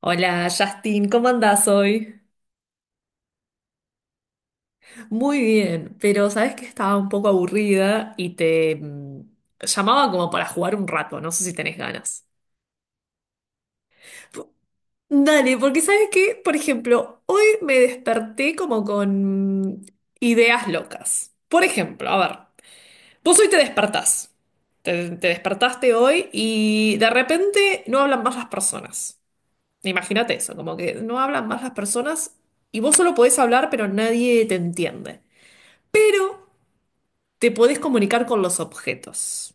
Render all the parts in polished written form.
Hola Justin, ¿cómo andás hoy? Muy bien, pero sabes que estaba un poco aburrida y te llamaba como para jugar un rato, no sé si tenés ganas. P- Dale, porque sabes que, por ejemplo, hoy me desperté como con ideas locas. Por ejemplo, a ver, vos hoy te despertás, te despertaste hoy y de repente no hablan más las personas. Imagínate eso, como que no hablan más las personas y vos solo podés hablar, pero nadie te entiende. Pero te podés comunicar con los objetos.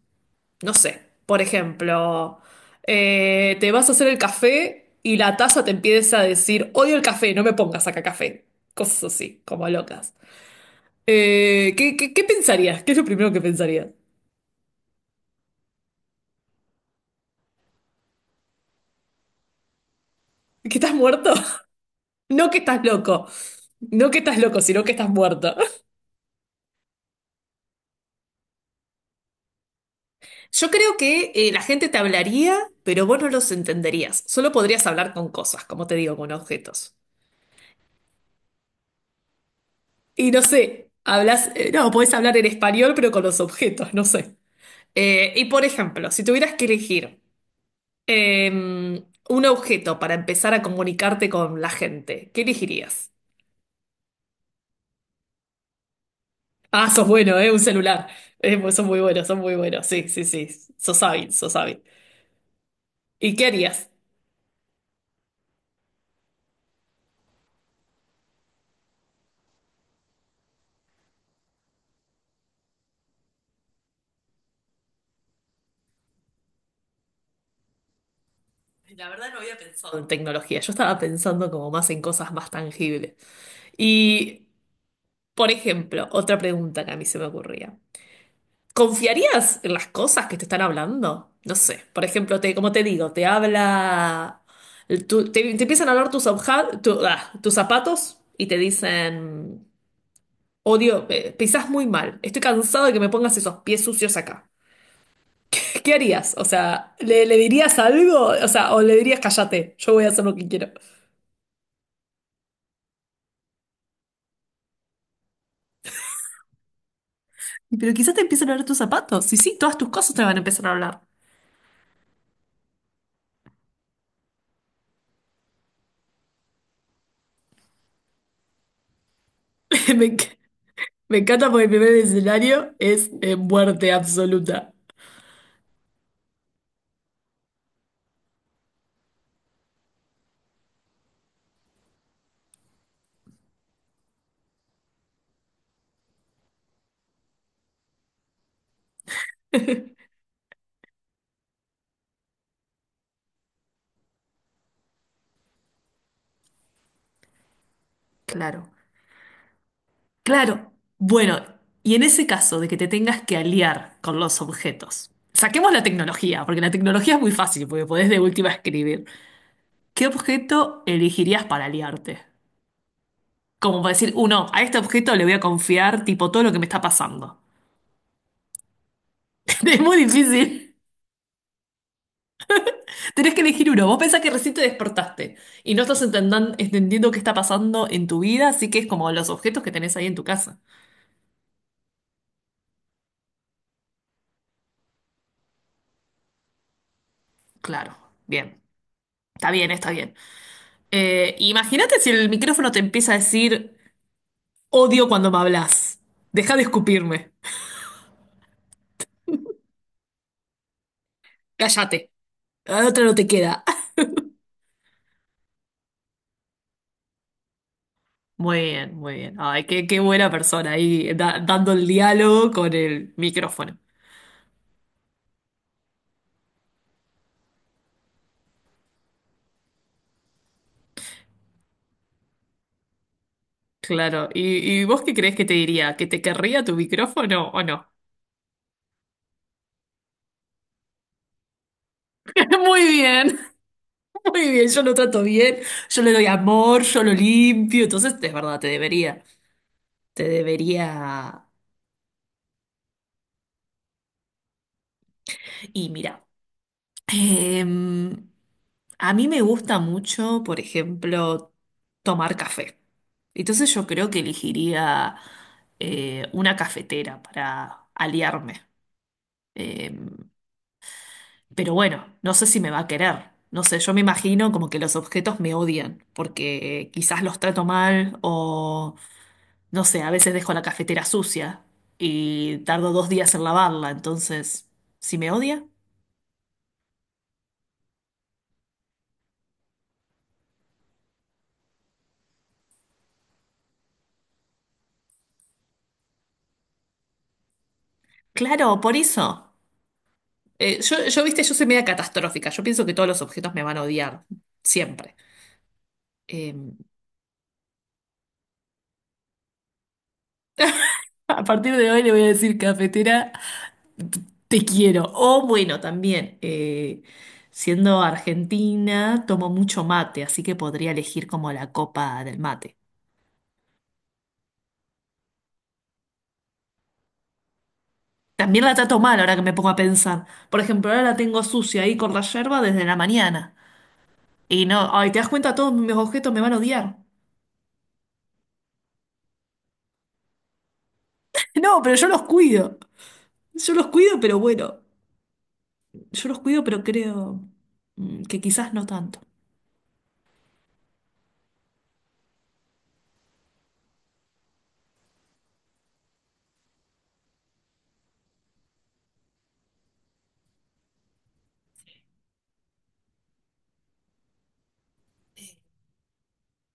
No sé, por ejemplo, te vas a hacer el café y la taza te empieza a decir, odio el café, no me pongas acá café. Cosas así, como locas. ¿Qué pensarías? ¿Qué es lo primero que pensarías? ¿Que estás muerto? No que estás loco. No que estás loco, sino que estás muerto. Yo creo que la gente te hablaría, pero vos no los entenderías. Solo podrías hablar con cosas, como te digo, con objetos. Y no sé, hablas, no, podés hablar en español, pero con los objetos, no sé. Y por ejemplo, si tuvieras que elegir eh, un objeto para empezar a comunicarte con la gente, ¿qué elegirías? Ah, sos bueno, ¿eh? Un celular. Pues son muy buenos, son muy buenos. Sí, sí, sí. Sos hábil, sos hábil. ¿Y qué harías? La verdad no había pensado en tecnología. Yo estaba pensando como más en cosas más tangibles. Y, por ejemplo, otra pregunta que a mí se me ocurría. ¿Confiarías en las cosas que te están hablando? No sé, por ejemplo, te, como te digo, te habla, te empiezan a hablar tus, tus zapatos y te dicen, odio, pisás muy mal, estoy cansado de que me pongas esos pies sucios acá. ¿Qué harías? O sea, ¿le dirías algo? O sea, o le dirías, cállate, yo voy a hacer lo que quiero. Pero quizás te empiezan a hablar tus zapatos. Y sí, todas tus cosas te van a empezar a hablar. Me, enc- Me encanta porque el primer escenario es muerte absoluta. Claro. Claro. Bueno, y en ese caso de que te tengas que aliar con los objetos, saquemos la tecnología, porque la tecnología es muy fácil, porque podés de última escribir. ¿Qué objeto elegirías para aliarte? Como para decir, uno, a este objeto le voy a confiar, tipo, todo lo que me está pasando. Es muy difícil. Tenés que elegir uno. Vos pensás que recién te despertaste y no estás entendiendo qué está pasando en tu vida, así que es como los objetos que tenés ahí en tu casa. Claro, bien. Está bien, está bien. Imagínate si el micrófono te empieza a decir, odio cuando me hablas. Deja de escupirme. Cállate. La otra no te queda. Muy bien, muy bien. Ay, qué buena persona ahí dando el diálogo con el micrófono. Claro. Y vos qué crees que te diría? ¿Que te querría tu micrófono o no? Muy bien, muy bien. Yo lo trato bien, yo le doy amor, yo lo limpio. Entonces, es verdad, te debería. Te debería. Y mira. Em, a mí me gusta mucho, por ejemplo, tomar café. Entonces yo creo que elegiría una cafetera para aliarme. Em, pero bueno, no sé si me va a querer. No sé, yo me imagino como que los objetos me odian, porque quizás los trato mal o, no sé, a veces dejo la cafetera sucia y tardo 2 días en lavarla. Entonces, ¿si me odia? Claro, por eso. Viste, yo soy media catastrófica. Yo pienso que todos los objetos me van a odiar, siempre. Eh, A partir de hoy le voy a decir cafetera, te quiero. O bueno, también, siendo argentina, tomo mucho mate, así que podría elegir como la copa del mate. También la trato mal ahora que me pongo a pensar. Por ejemplo, ahora la tengo sucia ahí con la yerba desde la mañana. Y no, ay, ¿te das cuenta? Todos mis objetos me van a odiar. No, pero yo los cuido. Yo los cuido, pero bueno. Yo los cuido, pero creo que quizás no tanto.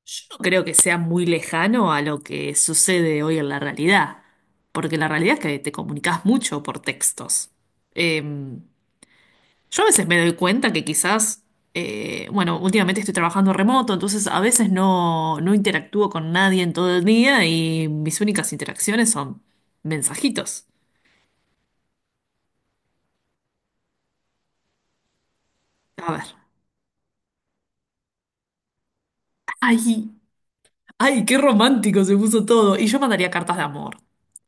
Yo no creo que sea muy lejano a lo que sucede hoy en la realidad, porque la realidad es que te comunicas mucho por textos. Eh, yo a veces me doy cuenta que quizás, bueno, últimamente estoy trabajando remoto, entonces a veces no interactúo con nadie en todo el día y mis únicas interacciones son mensajitos. A ver, ay, ay, qué romántico se puso todo. Y yo mandaría cartas de amor.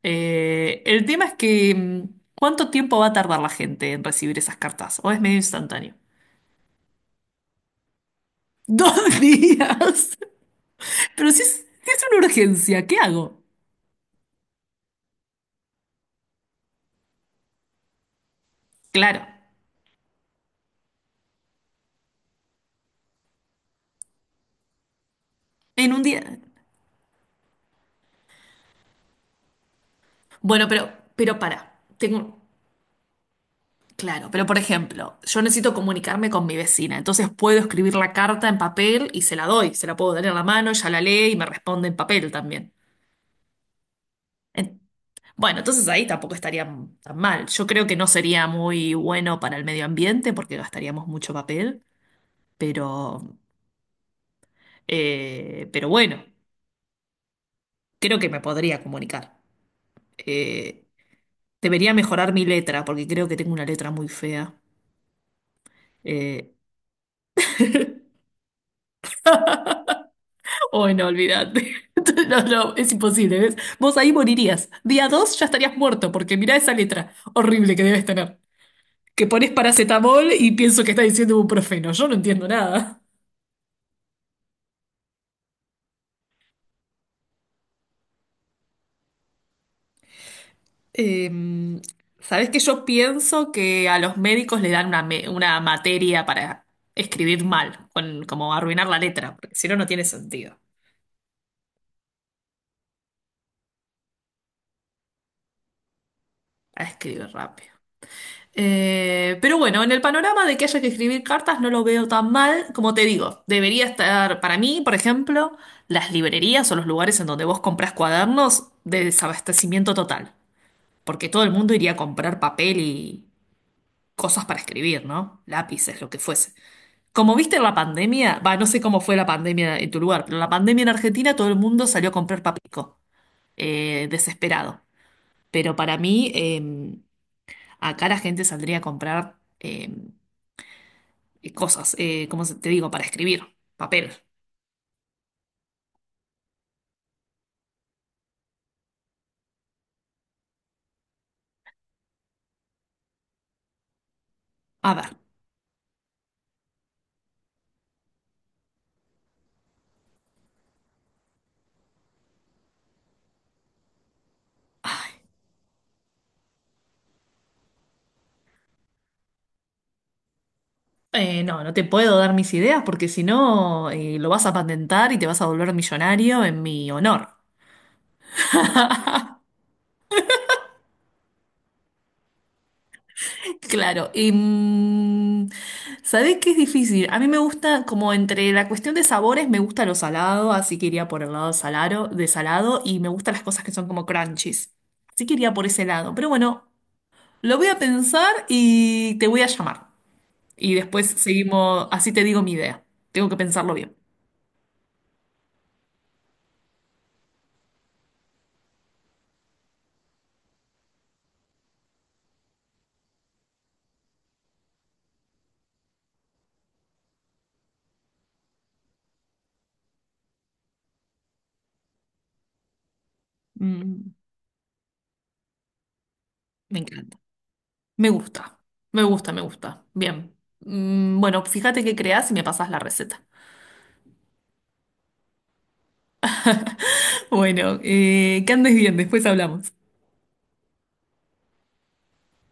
El tema es que, ¿cuánto tiempo va a tardar la gente en recibir esas cartas? ¿O es medio instantáneo? 2 días. Pero si es, si es una urgencia, ¿qué hago? Claro, en un día. Bueno, pero para. Tengo. Claro, pero por ejemplo, yo necesito comunicarme con mi vecina, entonces puedo escribir la carta en papel y se la doy, se la puedo dar en la mano, ella la lee y me responde en papel también. Bueno, entonces ahí tampoco estaría tan mal. Yo creo que no sería muy bueno para el medio ambiente porque gastaríamos mucho papel, pero, pero bueno, creo que me podría comunicar. Eh, Debería mejorar mi letra porque creo que tengo una letra muy fea. Eh, oh, no, olvídate. No, no, es imposible, ¿ves? Vos ahí morirías. Día dos ya estarías muerto porque mirá esa letra horrible que debes tener. Que pones paracetamol y pienso que estás diciendo profeno. Yo no entiendo nada. Em, sabes que yo pienso que a los médicos le dan una, una materia para escribir mal, con, como arruinar la letra, porque si no, no tiene sentido a escribir rápido. Pero bueno, en el panorama de que haya que escribir cartas no lo veo tan mal, como te digo, debería estar para mí, por ejemplo, las librerías o los lugares en donde vos comprás cuadernos de desabastecimiento total, porque todo el mundo iría a comprar papel y cosas para escribir, ¿no? Lápices, lo que fuese. Como viste en la pandemia, va, no sé cómo fue la pandemia en tu lugar, pero la pandemia en Argentina todo el mundo salió a comprar papico, desesperado. Pero para mí, acá la gente saldría a comprar cosas, ¿cómo te digo? Para escribir, papel. A ver, no, no te puedo dar mis ideas porque si no, lo vas a patentar y te vas a volver millonario en mi honor. Claro, y ¿sabés qué es difícil? A mí me gusta, como entre la cuestión de sabores, me gusta lo salado, así que iría por el lado salado, de salado, y me gustan las cosas que son como crunchies. Así que iría por ese lado. Pero bueno, lo voy a pensar y te voy a llamar. Y después seguimos, así te digo mi idea. Tengo que pensarlo bien. Mm, me encanta. Me gusta, me gusta, me gusta. Bien. Bueno, fíjate qué creas y me pasas la receta. Bueno, que andes bien, después hablamos.